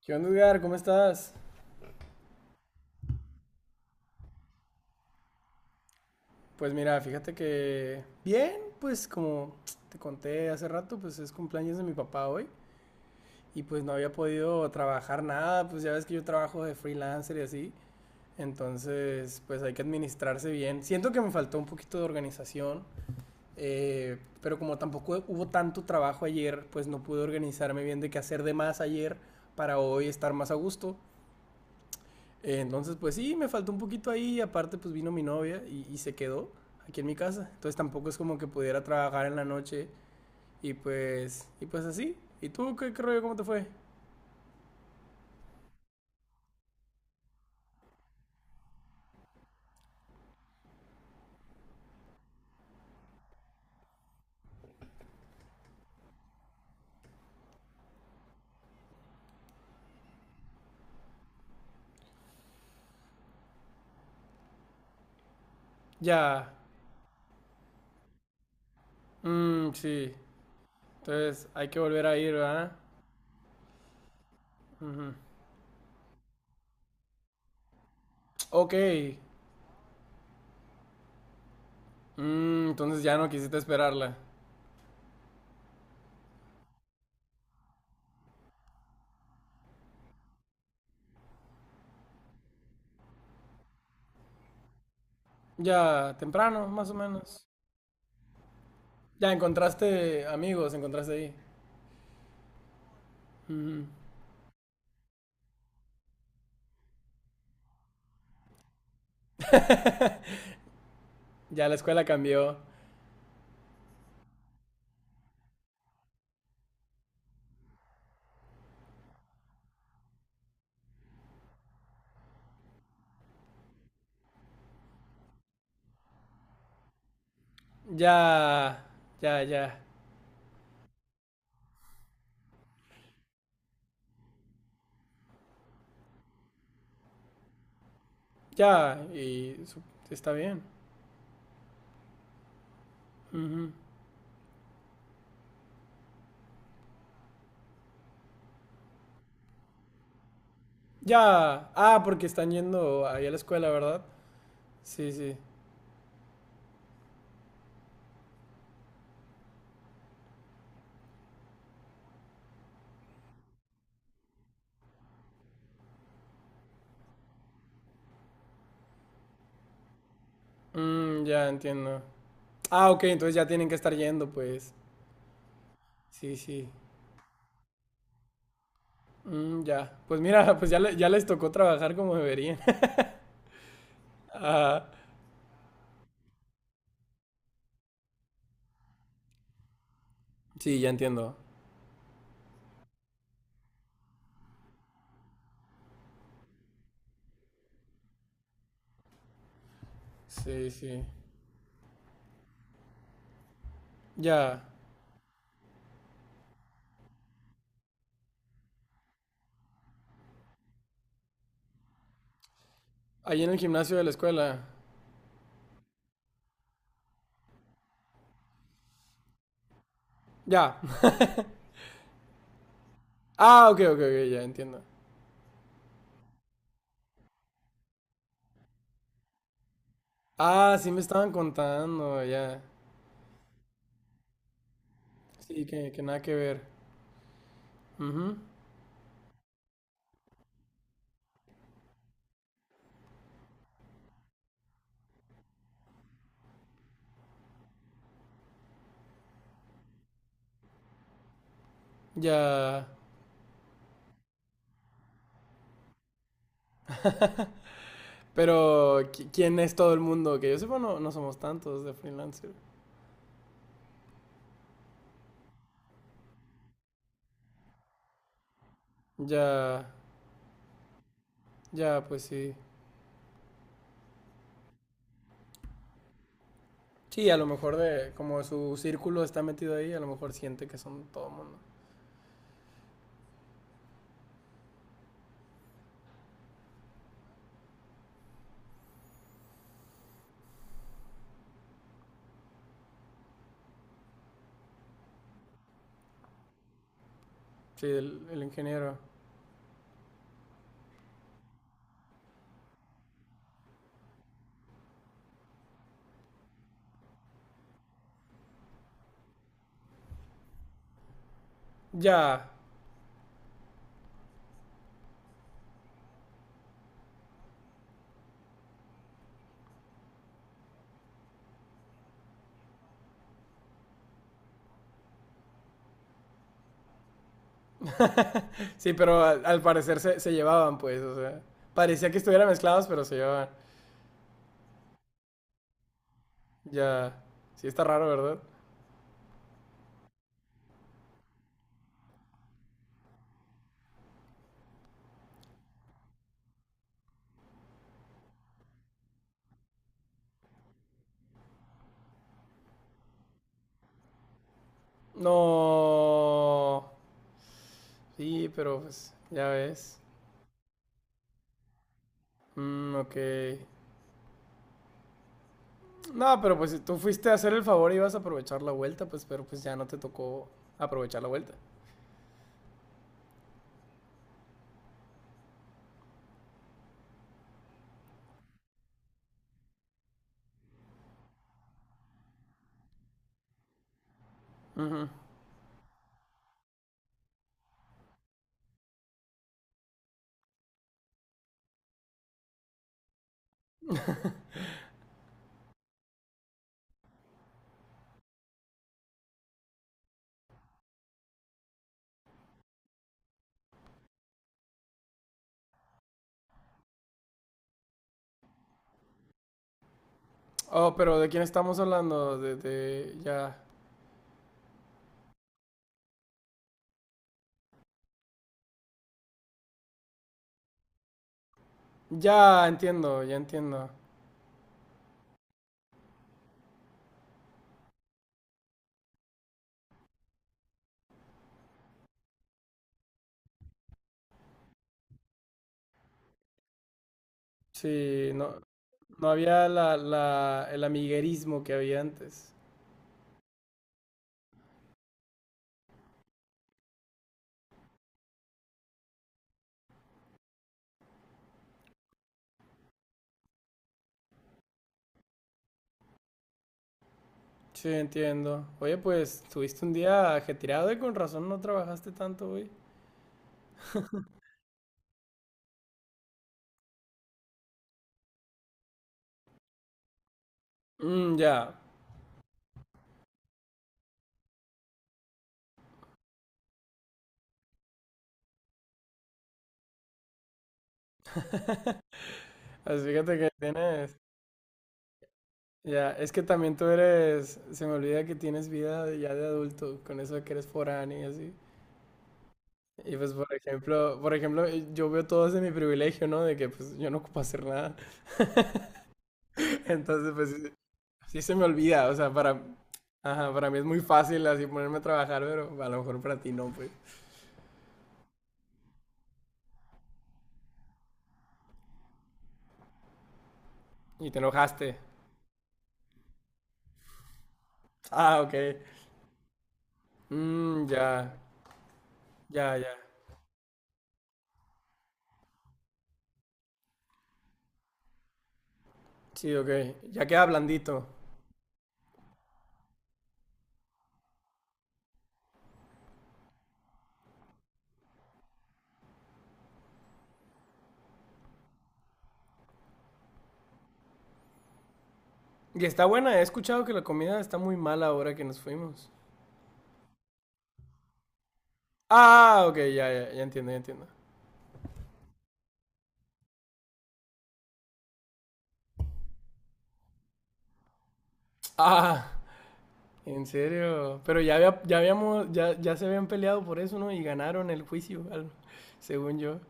¿Qué onda, Edgar? ¿Cómo estás? Pues mira, fíjate que bien, pues como te conté hace rato, pues es cumpleaños de mi papá hoy y pues no había podido trabajar nada, pues ya ves que yo trabajo de freelancer y así, entonces pues hay que administrarse bien. Siento que me faltó un poquito de organización, pero como tampoco hubo tanto trabajo ayer, pues no pude organizarme bien de qué hacer de más ayer para hoy estar más a gusto. Entonces, pues sí, me faltó un poquito ahí. Aparte, pues vino mi novia y se quedó aquí en mi casa. Entonces tampoco es como que pudiera trabajar en la noche y pues así. ¿Y tú qué, qué rollo? ¿Cómo te fue? Ya. Mm, sí. Entonces hay que volver a ir, ¿verdad? Ujú. Ok. Mm, entonces ya no quisiste esperarla. Ya, temprano, más o menos. Ya encontraste amigos, encontraste ahí. Ujú. Ya la escuela cambió. Ya, ya, ya. Ya, y su- está bien. Ujú. Ya. Ah, porque están yendo ahí a la escuela, ¿verdad? Sí, sí. Mm, ya entiendo. Ah, ok, entonces ya tienen que estar yendo, pues. Sí, sí. Mm, ya. Pues mira, pues ya, le- ya les tocó trabajar como deberían. Ah, sí, ya entiendo. Sí, sí. Ya. Ahí en el gimnasio de la escuela. Ya. Ah, ok, ok, ok, ya entiendo. Ah, sí me estaban contando, ya. Sí, que nada que ver. Ujú. Ya. Pero, ¿qui- ¿quién es todo el mundo? Que yo sepa, no, no somos tantos de freelancer. Ya, ya, pues sí. Sí, a lo mejor de, como su círculo está metido ahí, a lo mejor siente que son todo el mundo. Sí, el ingeniero. Ya. Sí, pero al, al parecer se, se llevaban, pues, o sea. Parecía que estuvieran mezclados, pero se llevaban. Ya. Sí, está raro, ¿verdad? No. Sí, pero pues, ya ves. Mm, ok. No, pero pues si tú fuiste a hacer el favor y ibas a aprovechar la vuelta, pues pero pues ya no te tocó aprovechar la vuelta. Ujú. Oh, pero ¿de quién estamos hablando? De- ya. Ya entiendo, ya entiendo. Sí, no, no había la, la- el amiguerismo que había antes. Sí, entiendo. Oye, pues tuviste un día ajetreado y con razón no trabajaste tanto hoy. Mm, ya. Así fíjate que tienes. Ya, es que también tú eres, se me olvida que tienes vida ya de adulto, con eso de que eres foráneo y así. Y pues por ejemplo, yo veo todo ese mi privilegio, ¿no? De que pues yo no ocupo hacer nada. Entonces, pues sí, sí se me olvida, o sea, para ajá, para mí es muy fácil así ponerme a trabajar, pero a lo mejor para ti no, pues. Y te enojaste. Ah, ok. Mm, ya, ya, ya. Sí, ok. Ya queda blandito. Y está buena, he escuchado que la comida está muy mala ahora que nos fuimos. Ah, ok, ya, ya, ya entiendo, ya entiendo. Ah, en serio. Pero ya, había- ya habíamos, ya, ya se habían peleado por eso, ¿no? Y ganaron el juicio, al- según yo.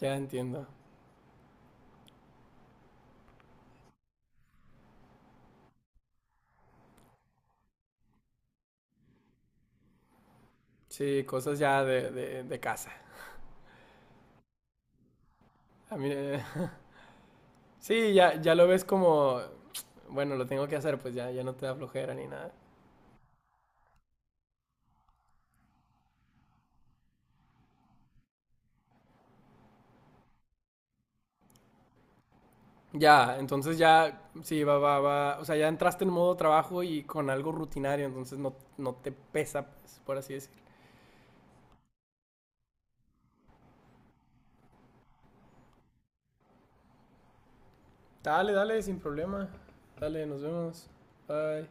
Ya entiendo. Sí, cosas ya de casa. A mí, sí, ya, ya lo ves como, bueno, lo tengo que hacer, pues ya, ya no te da flojera ni nada. Ya, entonces ya, sí, va, va, va. O sea, ya entraste en modo trabajo y con algo rutinario, entonces no, no te pesa, pues, por así decirlo. Dale, dale, sin problema. Dale, nos vemos. Bye.